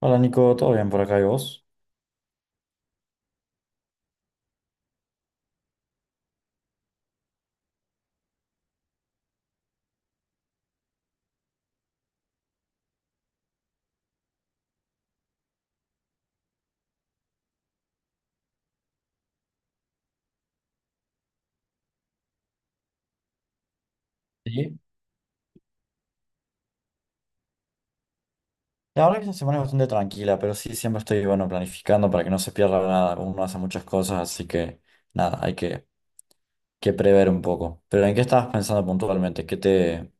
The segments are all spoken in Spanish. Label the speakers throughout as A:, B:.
A: Hola Nico, ¿todo bien por acá y vos? Sí, la verdad que esta semana es bastante tranquila, pero sí siempre estoy, bueno, planificando para que no se pierda nada. Uno hace muchas cosas, así que nada, hay que prever un poco. Pero ¿en qué estabas pensando puntualmente? ¿Qué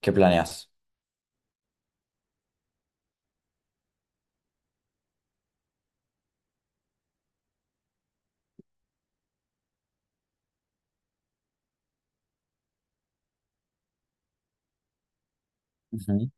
A: qué planeas? Ujú.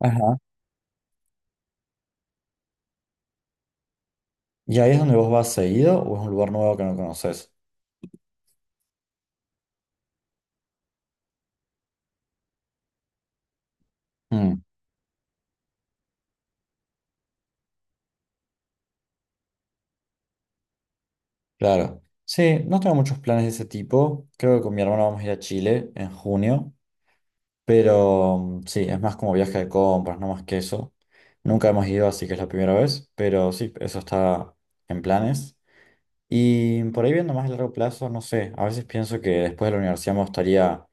A: Ajá. ¿Y ahí es donde vos vas seguido o es un lugar nuevo que no conoces? Mm, claro. Sí, no tengo muchos planes de ese tipo. Creo que con mi hermano vamos a ir a Chile en junio. Pero mm, sí, es más como viaje de compras, no más que eso. Nunca hemos ido, así que es la primera vez, pero sí, eso está en planes. Y por ahí viendo más a largo plazo, no sé, a veces pienso que después de la universidad me gustaría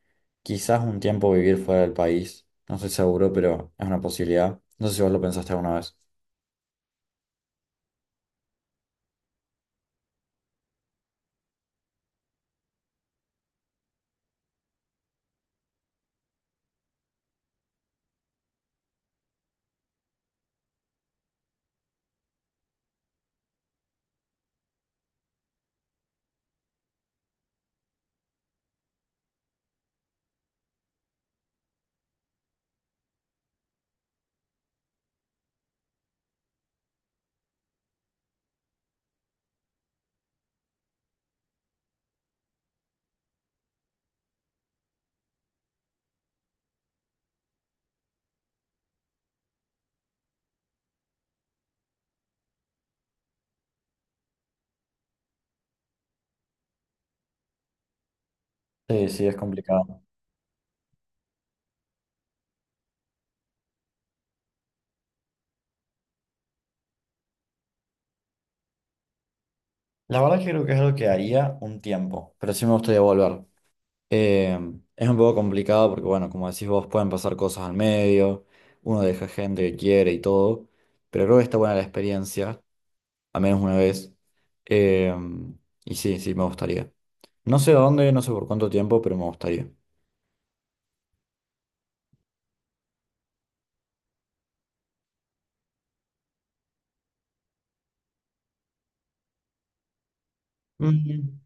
A: quizás un tiempo vivir fuera del país. No estoy seguro, pero es una posibilidad. No sé si vos lo pensaste alguna vez. Sí, sí, es complicado. La verdad que creo que es algo que haría un tiempo, pero sí me gustaría volver. Eh, es un poco complicado porque, bueno, como decís vos, pueden pasar cosas al medio, uno deja gente que quiere y todo, pero creo que está buena la experiencia, al menos una vez. Eh, y sí, sí, me gustaría. No sé a dónde, no sé por cuánto tiempo, pero me gustaría. Mm,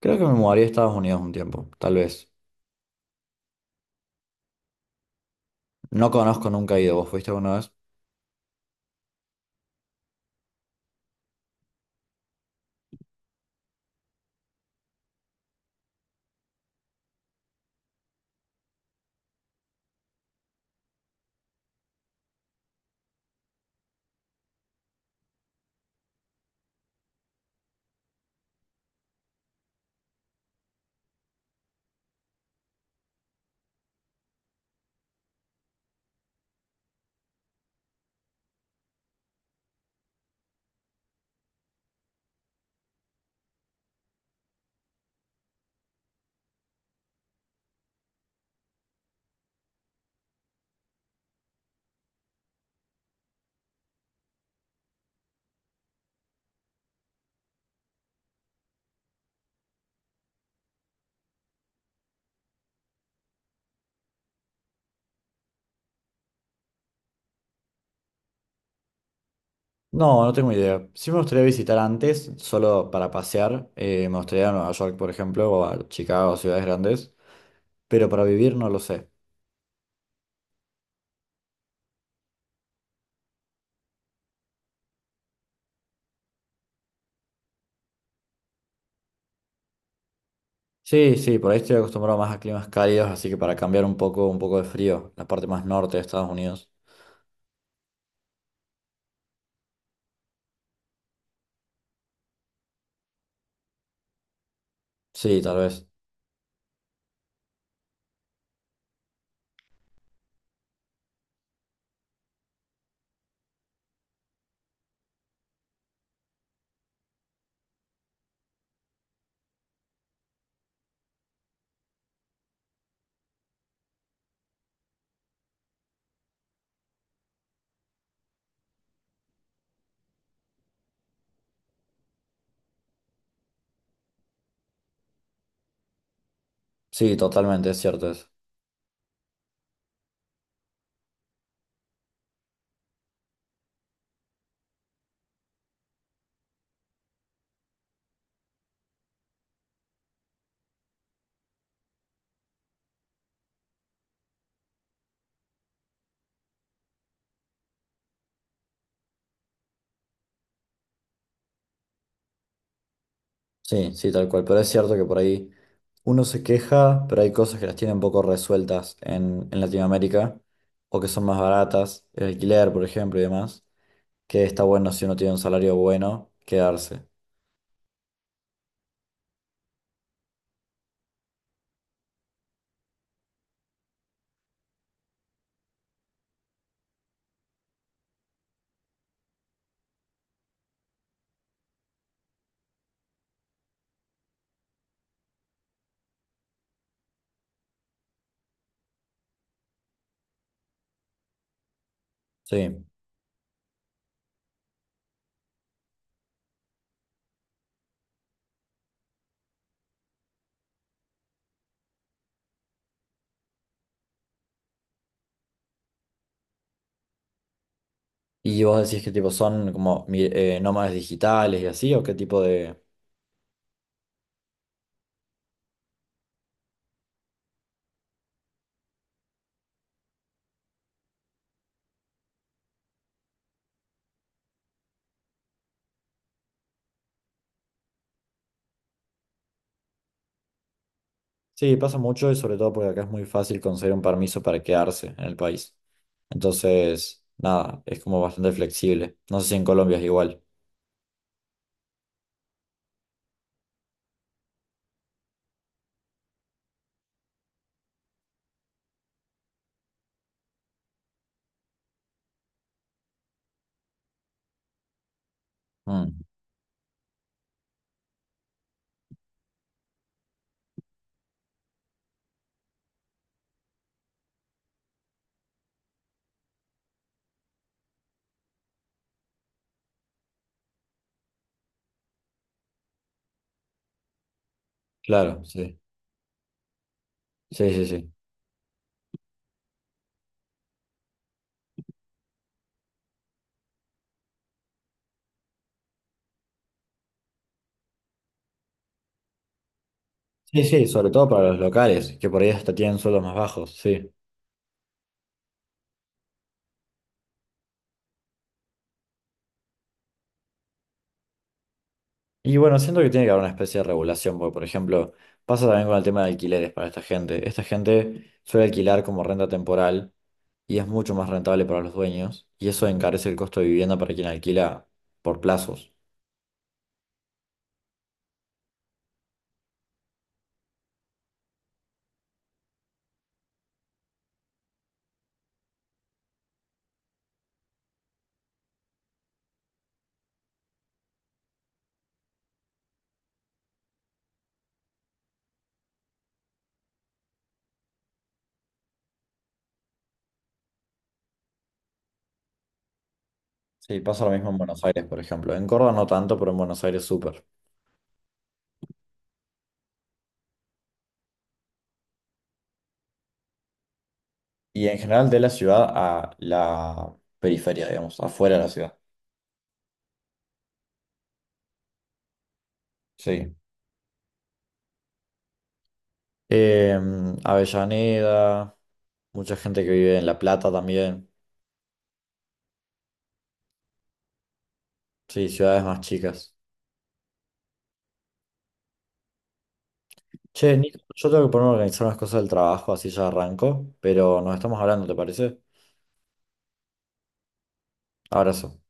A: creo que me mudaría a Estados Unidos un tiempo, tal vez. No conozco, nunca he ido. ¿Vos fuiste alguna vez? No, no tengo idea. Sí me gustaría visitar antes, solo para pasear. Me gustaría ir a Nueva York, por ejemplo, o a Chicago, ciudades grandes, pero para vivir no lo sé. Sí, sí, por ahí estoy acostumbrado más a climas cálidos, así que para cambiar un poco de frío, la parte más norte de Estados Unidos. Sí, tal vez. Sí, totalmente, es cierto eso. Sí, sí, tal cual. Pero es cierto que por ahí uno se queja, pero hay cosas que las tienen poco resueltas en Latinoamérica, o que son más baratas, el alquiler, por ejemplo, y demás, que está bueno si uno tiene un salario bueno, quedarse. Sí. ¿Y vos decís qué tipo son como nómadas digitales y así, o qué tipo de, sí, pasa mucho y sobre todo porque acá es muy fácil conseguir un permiso para quedarse en el país. Entonces, nada, es como bastante flexible. No sé si en Colombia es igual. Mm, claro, sí. Sí, sí, sí. Sí, sí, sobre todo para los locales, que por ahí hasta tienen sueldos más bajos, sí. Y bueno, siento que tiene que haber una especie de regulación, porque por ejemplo, pasa también con el tema de alquileres para esta gente. Esta gente suele alquilar como renta temporal y es mucho más rentable para los dueños y eso encarece el costo de vivienda para quien alquila por plazos. Sí, pasa lo mismo en Buenos Aires, por ejemplo. En Córdoba no tanto, pero en Buenos Aires súper. Y en general de la ciudad a la periferia, digamos, afuera de la ciudad. Sí. Avellaneda, mucha gente que vive en La Plata también. Sí, ciudades más chicas. Che, Nico, yo tengo que ponerme a organizar unas cosas del trabajo, así ya arranco, pero nos estamos hablando, ¿te parece? Abrazo.